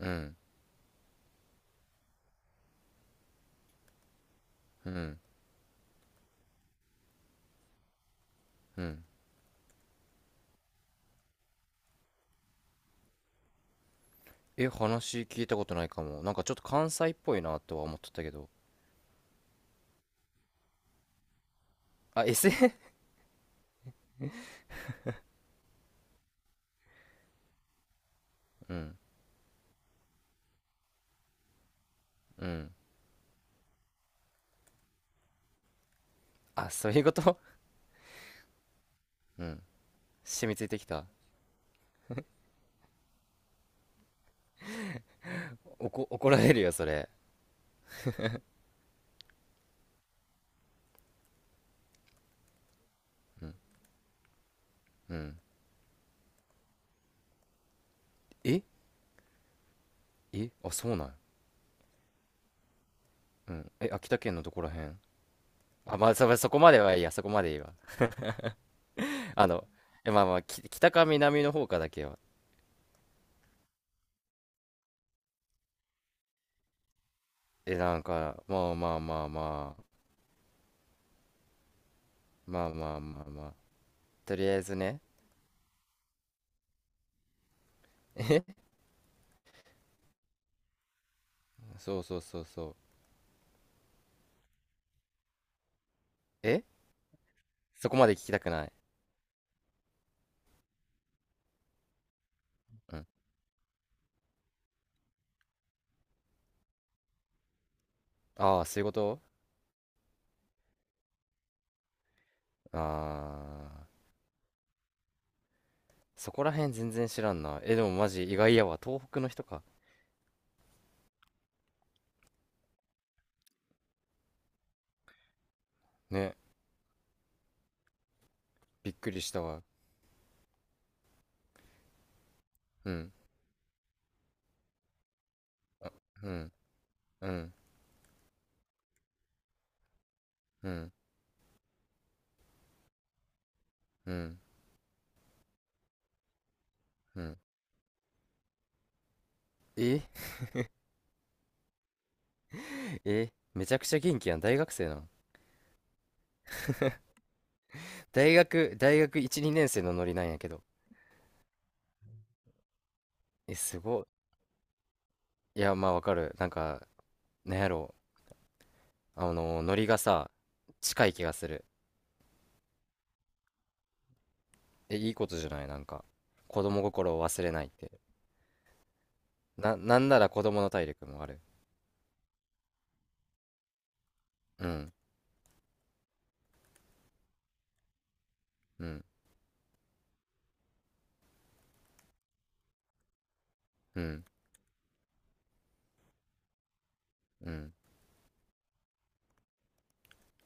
うん、うん、うん。え、話聞いたことないかも。なんかちょっと関西っぽいなとは思っとったけど。あ、SF？ うん、うん。あ、そういうこと。うん。染みついてきた。怒られるよ、それ。うん、うん。ええ、あ、そうなん。うん。え、秋田県のどこら辺？あ、まあ、そこまではいいや、そこまでいいわ。あの、え、まあまあ、北か南の方かだけは。え、なんか、まあまあまあまあ、まあまあまあまあ、とりあえずね。え、そうそうそうそう。え、そこまで聞きたくない。うん。ああ、そういうこと。ああ、そこら辺全然知らんな。え、でもマジ意外やわ。東北の人か。ね、びっくりしたわ。うん、うん、うん、うん、うん、うん。え、え、めちゃくちゃ元気やん。大学生なの？大学1、2年生のノリなんやけど。え、すごい。いや、まあわかる。なんか、なんやろう。あの、ノリがさ、近い気がする。え、いいことじゃない、なんか。子供心を忘れないって。なんなら子供の体力もある。うん、うん。うん。うん。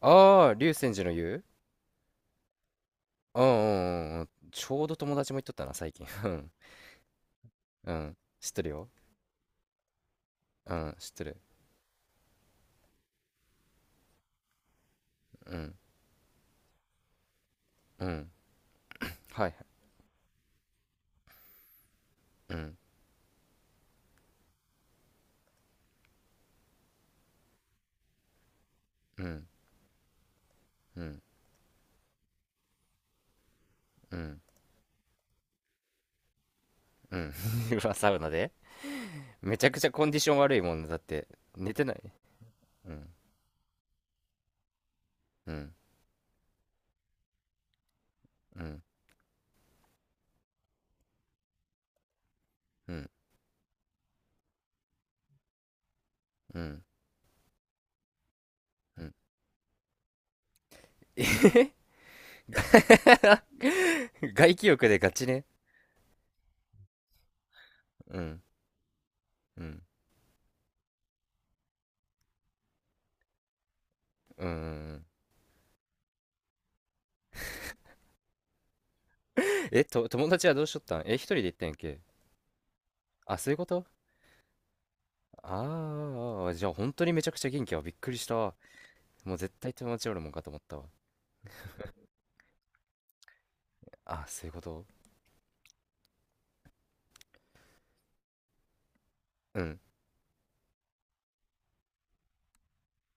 ああ、竜泉寺の湯。うんうんうんうん。ちょうど友達も言っとったな、最近。うん。うん。知ってるよ。うん、知ってる。うん。うん。はい。うん。うん。うん。うん。うん。うわ、サウナで。めちゃくちゃコンディション悪いもんねだって、寝てない。うん。うん。うん。うん。うん。うん。えへへ。 外気浴でガチね。うん。うん。うんうんうん。友達はどうしとったん？え、一人で行ったんやっけ？あ、そういうこと。ああ、じゃあ本当にめちゃくちゃ元気は、びっくりしたわ。もう絶対友達おるもんかと思ったわ。あ、そういうこと。うん、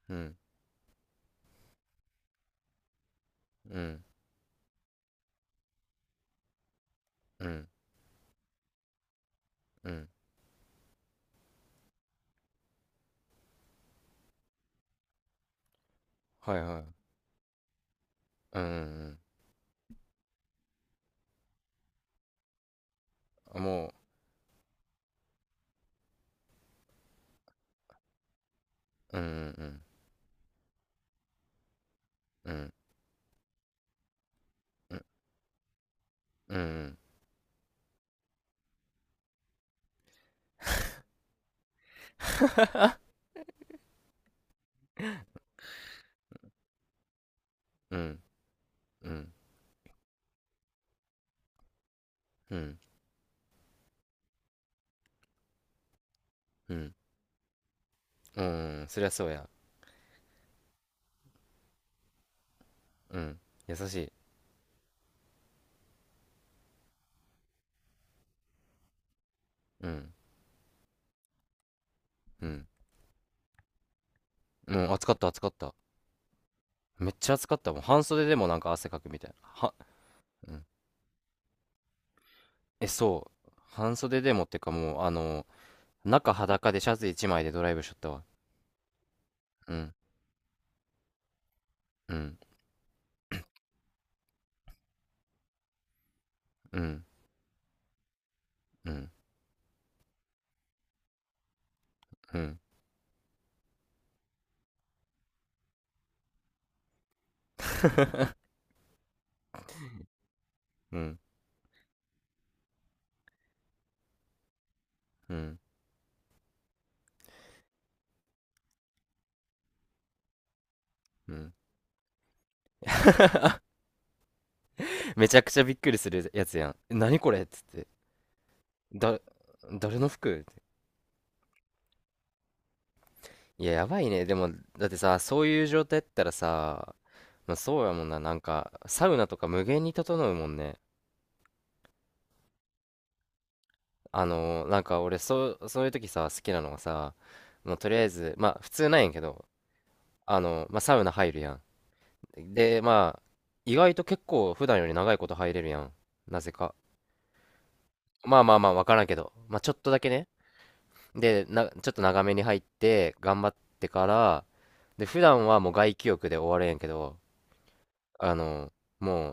うん、うん、うん、うん。はいはい。うん、うん、うん。もう、うん、うん、うん、うん、うん、うん、うん、うん、うん、うん、そりゃそうや。うん、優しい。うん、うん。もう、暑かった暑かった。めっちゃ暑かった。もう半袖でもなんか汗かくみたいな。は、うん。え、そう。半袖でもってかもう、あの、中裸でシャツ一枚でドライブしとったわ。うん、うん、うん、うん、うん、うん、うん、うん。めちゃくちゃびっくりするやつやん。え、何これっつって。だ、誰の服って。いや、やばいね。でも、だってさ、そういう状態やったらさ、まあ、そうやもんな。なんか、サウナとか無限に整うもんね。なんか俺、そう、そういう時さ、好きなのがさ、もうとりあえず、まあ、普通なんやけど、まあ、サウナ入るやん。で、まあ、意外と結構普段より長いこと入れるやん。なぜか。まあまあまあ、わからんけど。まあちょっとだけね。で、な、ちょっと長めに入って、頑張ってから、で、普段はもう外気浴で終わるやんやけど、あの、も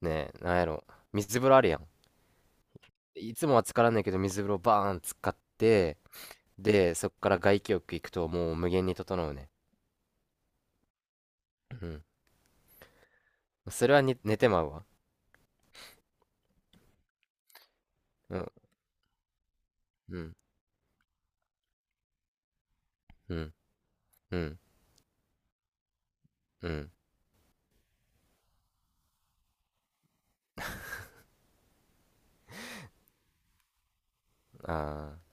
うね、なんやろ、水風呂あるやん。いつもは浸からんねんけど、水風呂バーン使って、で、そっから外気浴行くともう無限に整うね。うん。それはに寝てまうわ。うん、うん、うん、うん、うん。ああ。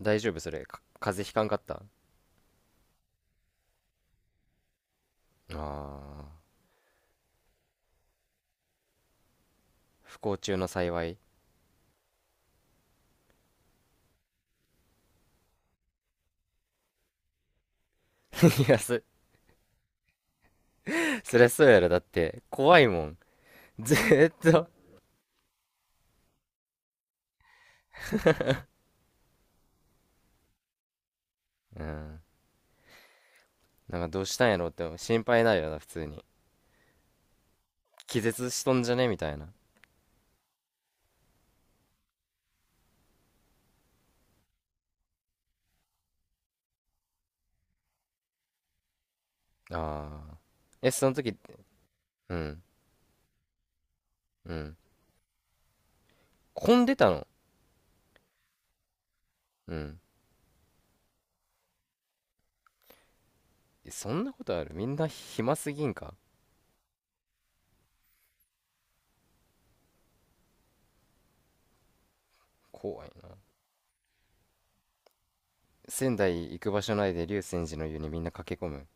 大丈夫？それか風邪ひかんかった？あー、不幸中の幸い。 いや、そりゃそうやろだって怖いもん。ずーっと。うん。なんかどうしたんやろうって心配になるよな普通に。気絶しとんじゃねみたいな。ああ。え、その時？うん。うん。混んでたの？うん。え、そんなことある？みんな暇すぎんか？怖いな。仙台行く場所ないで竜泉寺の湯にみんな駆け込む？